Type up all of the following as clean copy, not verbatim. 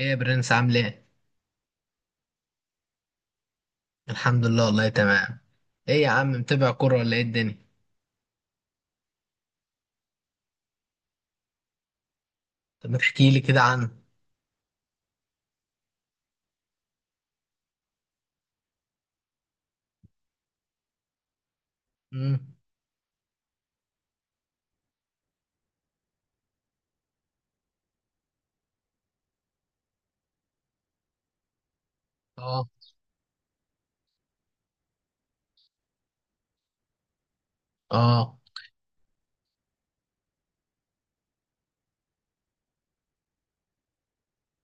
ايه يا برنس، عامل ايه؟ الحمد لله والله تمام. ايه يا عم، متابع كورة ولا ايه الدنيا؟ طب ما تحكي لي كده عنه. امم. اه، اه،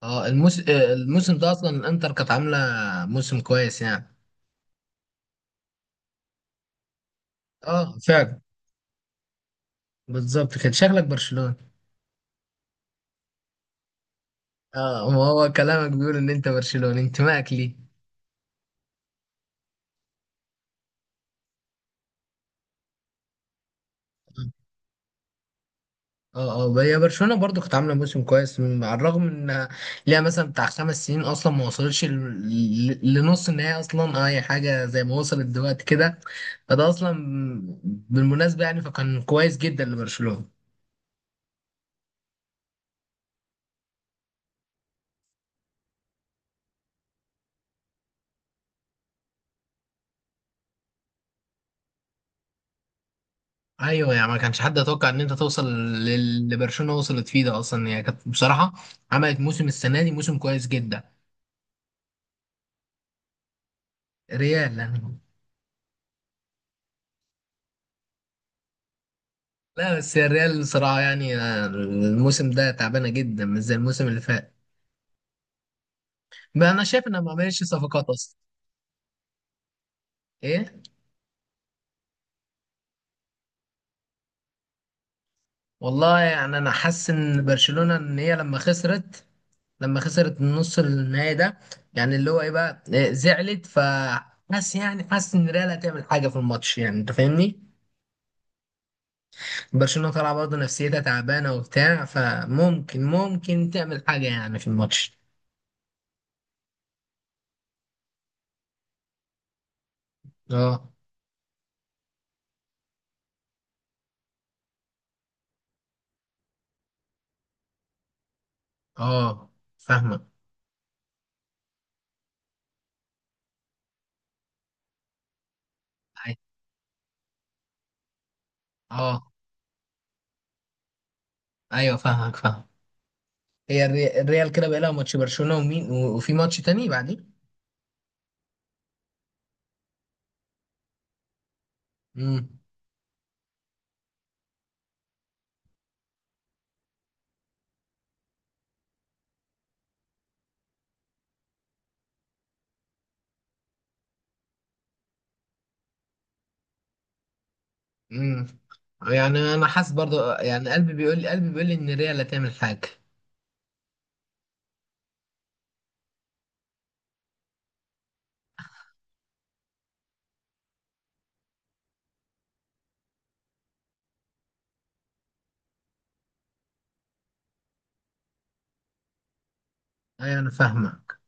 اه. الموسم ده اصلا الانتر كانت عاملة موسم كويس يعني. اه فعلا، بالظبط كده، شكلك برشلوني. اه، وهو كلامك بيقول ان انت برشلوني، انتمائك ليه. اه، اه، هي برشلونه برضو كانت عامله موسم كويس على الرغم ان ليها مثلا بتاع خمس سنين اصلا ما وصلتش ل- ل- لنص النهائي اصلا اي حاجه زي ما وصلت دلوقتي كده، فده اصلا بالمناسبه يعني، فكان كويس جدا لبرشلونه. ايوه يعني، ما كانش حد يتوقع ان انت توصل للي برشلونه وصلت فيه، ده اصلا هي كانت بصراحه عملت موسم السنه دي موسم كويس جدا. ريال يعني. لا بس هي الريال بصراحه يعني الموسم ده تعبانه جدا، مش زي الموسم اللي فات. بقى انا شايف انها ما عملتش صفقات اصلا. ايه، والله يعني انا حاسس ان برشلونة، ان هي لما خسرت النص النهائي ده، يعني اللي هو ايه بقى، زعلت، فحاسس يعني حاسس ان ريال هتعمل حاجة في الماتش، يعني انت فاهمني. برشلونة طالعة برضه نفسيتها تعبانة وبتاع، فممكن تعمل حاجة يعني في الماتش. اه، اه، فاهمك. أي- اه، ايوه، فاهمك، فاهم. هي الريال كده بقى لها ماتش برشلونة ومين و- وفي ماتش تاني بعدين. امم. امم. يعني انا حاسس برضو يعني، قلبي بيقول لي ان ريال هتعمل حاجه. ايوه انا فاهمك.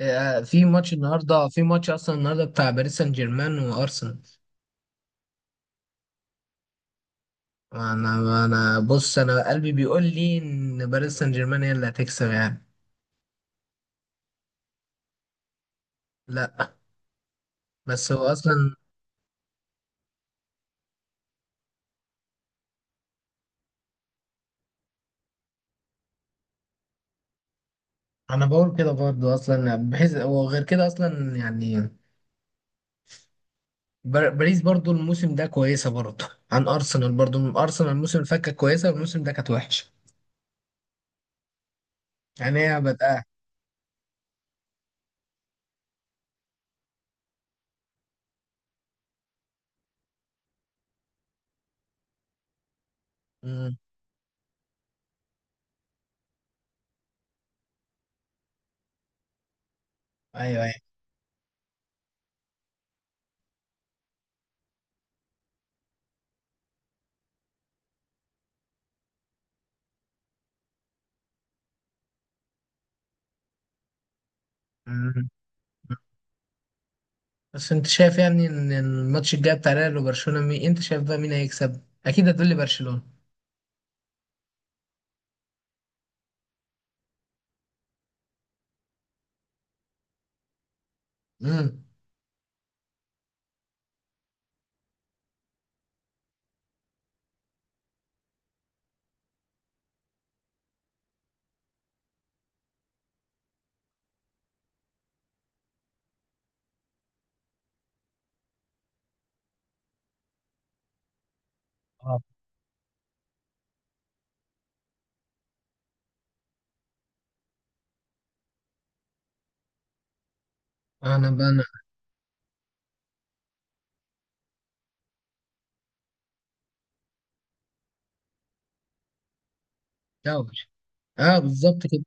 إيه، آه، في ماتش اصلا النهارده بتاع باريس سان جيرمان وارسنال. انا، بص، انا قلبي بيقول لي ان باريس سان جيرمان هي اللي هتكسب يعني. لا، بس هو اصلا انا بقول كده برضو اصلا، بحيث وغير كده اصلا يعني باريس برضو الموسم ده كويسه، برضو عن ارسنال. برضو ارسنال الموسم اللي فات كانت كويسه والموسم ده كانت وحشه، يعني هي بادئه. ايوه، ايوه. مم. بس انت شايف يعني ان الماتش الجاي بتاع ريال وبرشلونه مين، انت شايف بقى مين هيكسب؟ اكيد هتقولي برشلونه. امم. اه، انا بقى انا دوري. اه، بالظبط كده.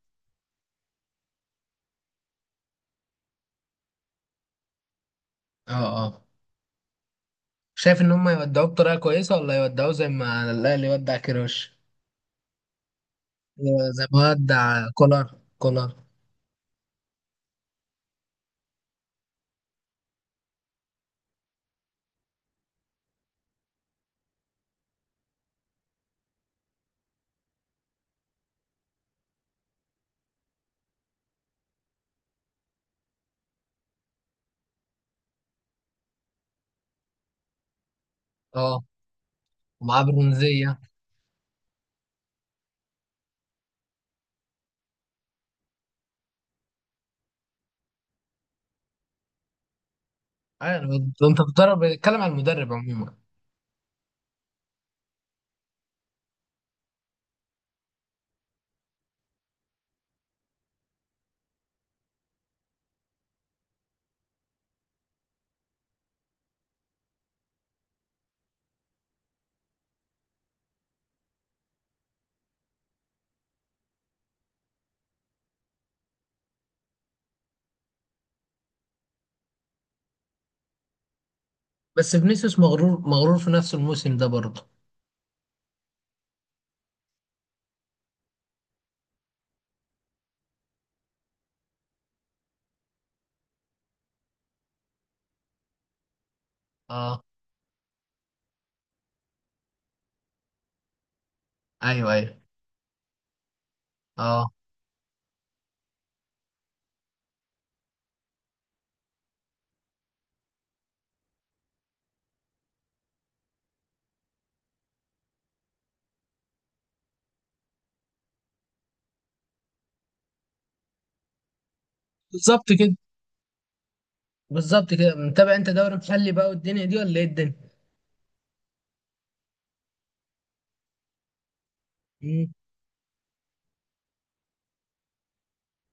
اه، اه، شايف ان هم يودعوه بطريقه كويسه ولا يودعوه زي ما الاهلي يودع كيروش؟ زي ما ودع كولر. اه، ومعاه برونزيه. عارف، انت بتضرب بتتكلم على المدرب عموما. بس فينيسيوس مغرور مغرور في نفس الموسم ده برضه. اه، ايوه، ايوه. اه، بالظبط كده، بالظبط كده. متابع انت دوري محلي بقى والدنيا دي، ولا ايه الدنيا؟ مم.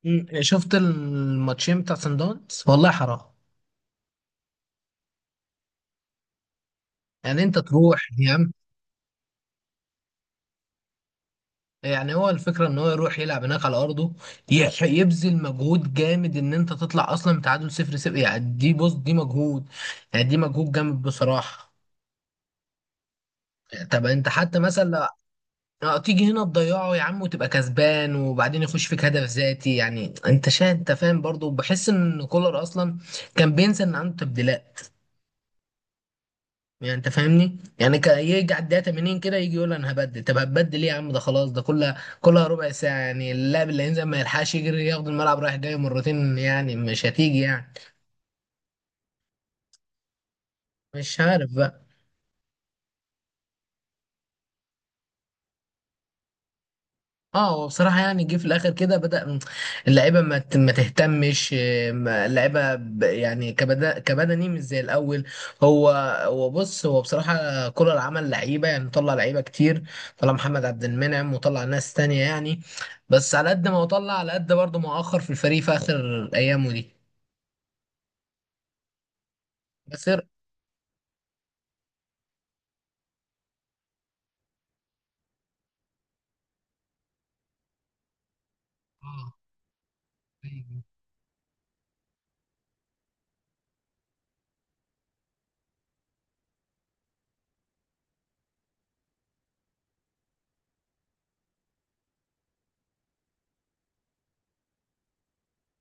مم. شفت الماتشين بتاع سان داونز؟ والله حرام. يعني انت تروح يا عم. يعني هو الفكره ان هو يروح يلعب هناك على ارضه، يبذل مجهود جامد ان انت تطلع اصلا بتعادل صفر صفر، يعني دي، بص، دي مجهود. يعني دي مجهود جامد بصراحه. طب انت حتى مثلا اه، تيجي هنا تضيعه يا عم، وتبقى كسبان وبعدين يخش فيك هدف ذاتي. يعني انت شايف، انت فاهم، برضه بحس ان كولر اصلا كان بينسى ان عنده تبديلات. يعني انت فاهمني، يعني يجي على الدقيقه 80 كده يجي يقول انا هبدل. طب هتبدل ايه يا عم، ده خلاص، ده كلها كلها ربع ساعه. يعني اللاعب اللي هينزل ما يلحقش يجري، ياخد الملعب رايح جاي مرتين يعني مش هتيجي يعني. مش عارف بقى. اه، هو بصراحة يعني جه في الآخر كده، بدأ اللعيبة ما تهتمش، اللعيبة يعني كبدني مش زي الأول. هو، بص، هو بصراحة كولر عمل لعيبة يعني، طلع لعيبة كتير، طلع محمد عبد المنعم وطلع ناس تانية يعني. بس على قد ما هو طلع، على قد برضه ما أخر في الفريق في آخر أيامه دي. بس اه. أيوه.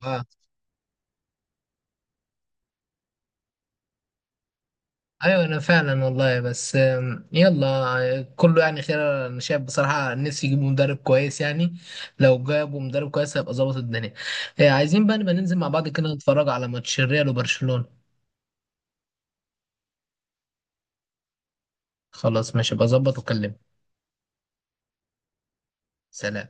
آه. ايوه انا فعلا والله. بس يلا كله يعني خير. انا شايف بصراحه نفسي يجيبوا مدرب كويس يعني، لو جابوا مدرب كويس هيبقى ظابط الدنيا. عايزين بقى نبقى ننزل مع بعض كده، نتفرج على ماتش الريال وبرشلونه. خلاص ماشي، بظبط واكلمك. سلام.